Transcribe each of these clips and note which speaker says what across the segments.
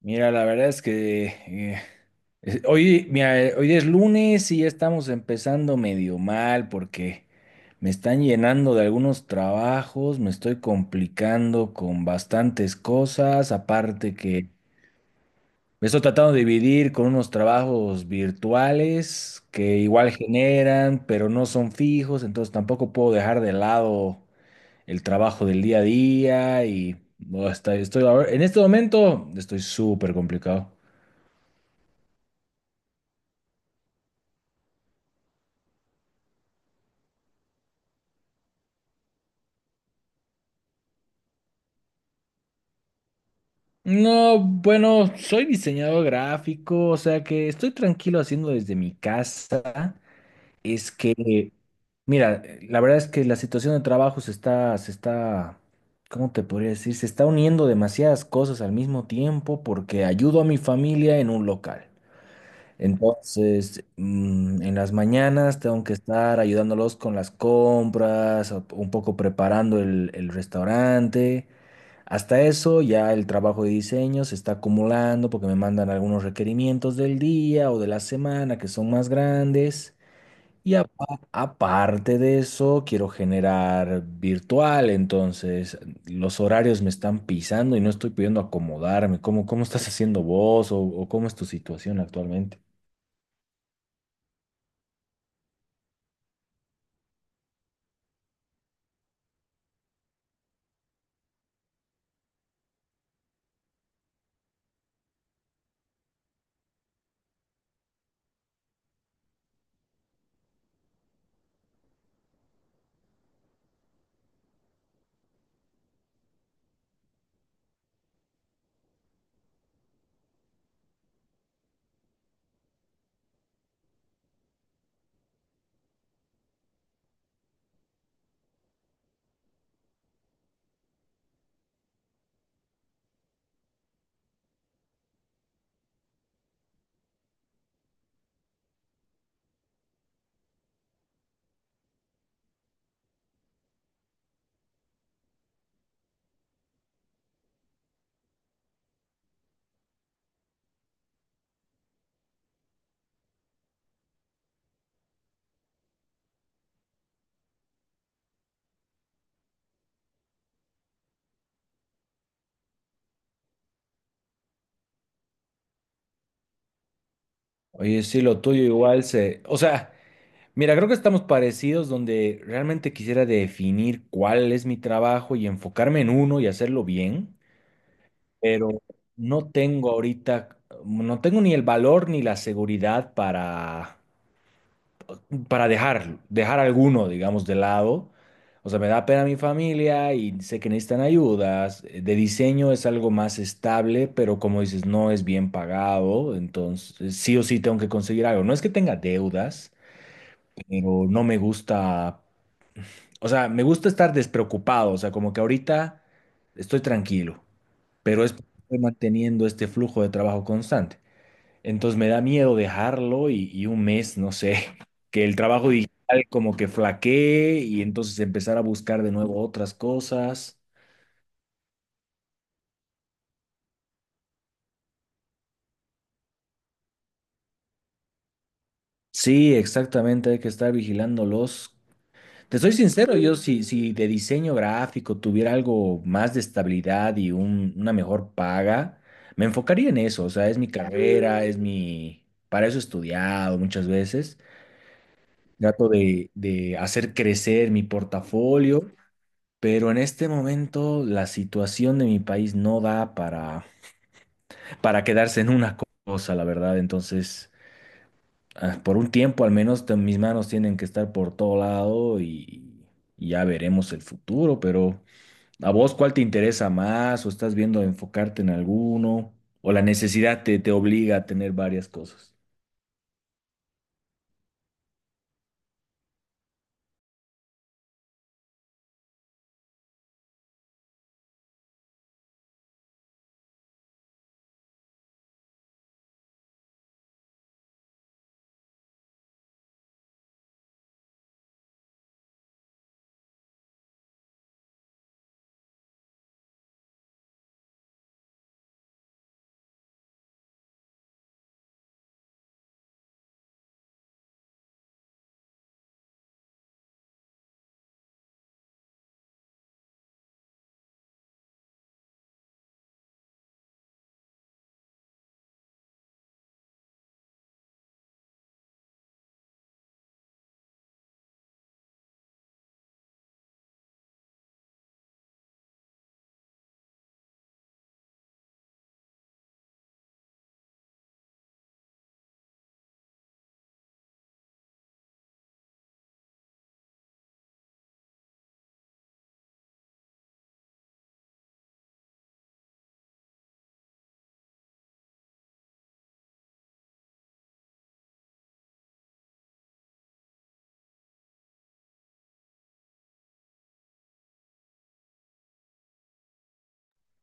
Speaker 1: Mira, la verdad es que hoy, mira, hoy es lunes y ya estamos empezando medio mal porque me están llenando de algunos trabajos, me estoy complicando con bastantes cosas, aparte que me estoy tratando de dividir con unos trabajos virtuales que igual generan, pero no son fijos, entonces tampoco puedo dejar de lado el trabajo del día a día y no, estoy, en este momento estoy súper complicado. No, bueno, soy diseñador gráfico, o sea que estoy tranquilo haciendo desde mi casa. Es que, mira, la verdad es que la situación de trabajo se está, ¿cómo te podría decir? Se está uniendo demasiadas cosas al mismo tiempo porque ayudo a mi familia en un local. Entonces, en las mañanas tengo que estar ayudándolos con las compras, un poco preparando el restaurante. Hasta eso ya el trabajo de diseño se está acumulando porque me mandan algunos requerimientos del día o de la semana que son más grandes. Y aparte de eso, quiero generar virtual, entonces los horarios me están pisando y no estoy pudiendo acomodarme. Cómo estás haciendo vos o cómo es tu situación actualmente? Oye, sí, lo tuyo igual se... O sea, mira, creo que estamos parecidos donde realmente quisiera definir cuál es mi trabajo y enfocarme en uno y hacerlo bien. Pero no tengo ahorita, no tengo ni el valor ni la seguridad para dejar alguno, digamos, de lado. O sea, me da pena mi familia y sé que necesitan ayudas. De diseño es algo más estable, pero como dices, no es bien pagado, entonces sí o sí tengo que conseguir algo. No es que tenga deudas, pero no me gusta, o sea, me gusta estar despreocupado, o sea, como que ahorita estoy tranquilo, pero es porque estoy manteniendo este flujo de trabajo constante. Entonces me da miedo dejarlo y un mes, no sé, que el trabajo digital como que flaquee y entonces empezar a buscar de nuevo otras cosas. Sí, exactamente, hay que estar vigilándolos. Te soy sincero, yo si de diseño gráfico tuviera algo más de estabilidad y una mejor paga, me enfocaría en eso, o sea, es mi carrera, es mi... Para eso he estudiado muchas veces. Trato de hacer crecer mi portafolio, pero en este momento la situación de mi país no da para quedarse en una cosa, la verdad. Entonces, ah, por un tiempo al menos mis manos tienen que estar por todo lado y ya veremos el futuro, pero ¿a vos cuál te interesa más o estás viendo enfocarte en alguno o la necesidad te obliga a tener varias cosas?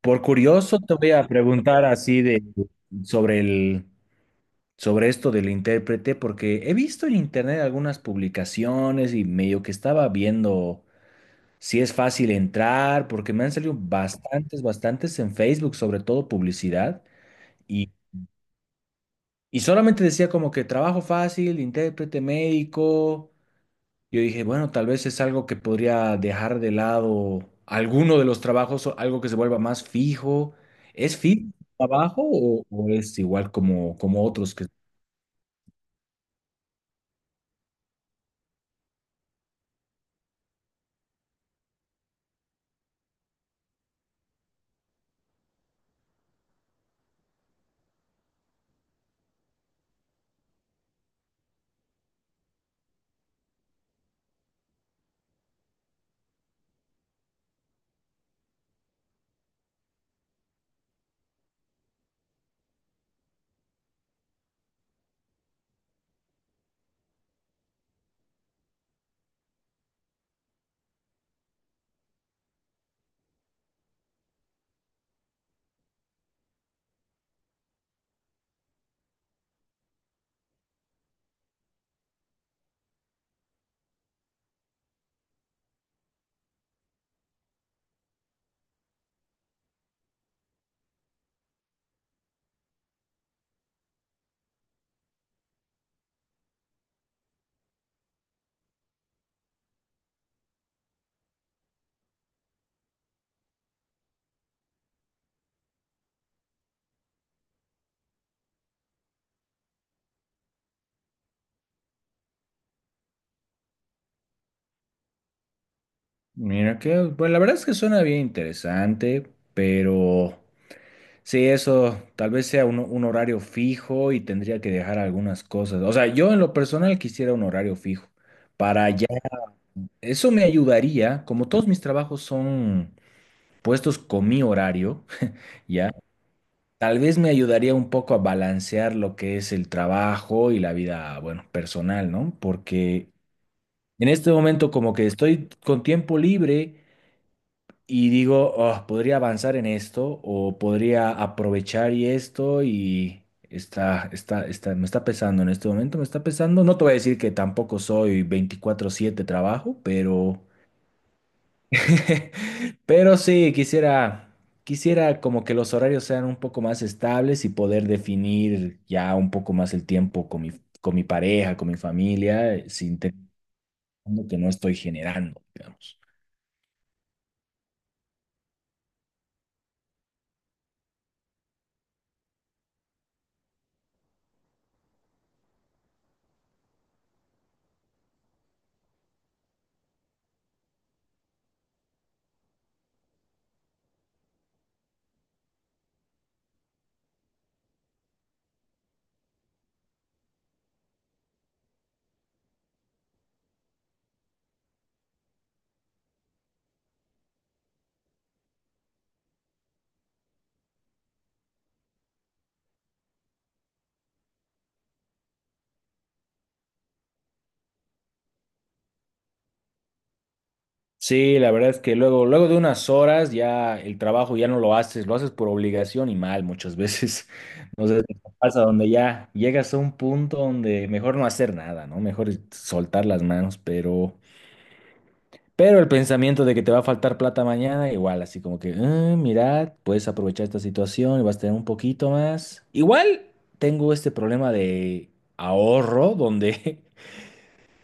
Speaker 1: Por curioso, te voy a preguntar así de sobre el... sobre esto del intérprete, porque he visto en internet algunas publicaciones y medio que estaba viendo si es fácil entrar, porque me han salido bastantes en Facebook, sobre todo publicidad, y, y solamente decía como que trabajo fácil, intérprete médico. Yo dije, bueno, tal vez es algo que podría dejar de lado alguno de los trabajos o algo que se vuelva más fijo. ¿Es fijo el trabajo o es igual como, como otros que... Mira que, bueno, la verdad es que suena bien interesante, pero sí, eso tal vez sea un horario fijo y tendría que dejar algunas cosas. O sea, yo en lo personal quisiera un horario fijo para ya. Eso me ayudaría, como todos mis trabajos son puestos con mi horario, ya, tal vez me ayudaría un poco a balancear lo que es el trabajo y la vida, bueno, personal, ¿no? Porque en este momento como que estoy con tiempo libre. Y digo, "Oh, podría avanzar en esto o podría aprovechar y esto y está, me está pesando en este momento, me está pesando. No te voy a decir que tampoco soy 24/7 trabajo, pero, pero sí, quisiera, quisiera como que los horarios sean un poco más estables y poder definir ya un poco más el tiempo con mi pareja, con mi familia, sin tener que no estoy generando, digamos. Sí, la verdad es que luego, luego de unas horas ya el trabajo ya no lo haces, lo haces por obligación y mal muchas veces. No sé si te pasa donde ya llegas a un punto donde mejor no hacer nada, ¿no? Mejor soltar las manos, pero el pensamiento de que te va a faltar plata mañana, igual, así como que, "Ah, mirad, puedes aprovechar esta situación y vas a tener un poquito más. Igual tengo este problema de ahorro donde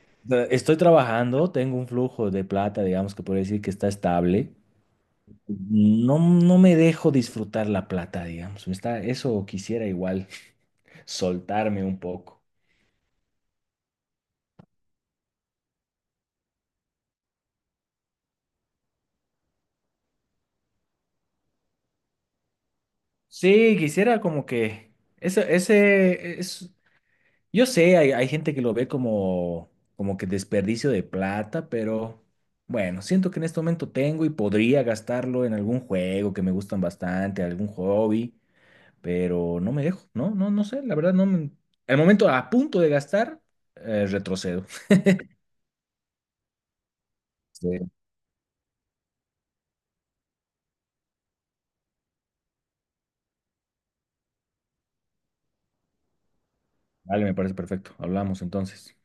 Speaker 1: estoy trabajando, tengo un flujo de plata, digamos que podría decir que está estable. No, no me dejo disfrutar la plata, digamos. Me está, eso quisiera igual soltarme un poco. Sí, quisiera como que ese es, yo sé, hay gente que lo ve como, como que desperdicio de plata, pero bueno, siento que en este momento tengo y podría gastarlo en algún juego que me gustan bastante, algún hobby, pero no me dejo, no, no, no sé, la verdad no me- al momento a punto de gastar, retrocedo. Sí, vale, me parece perfecto. Hablamos entonces.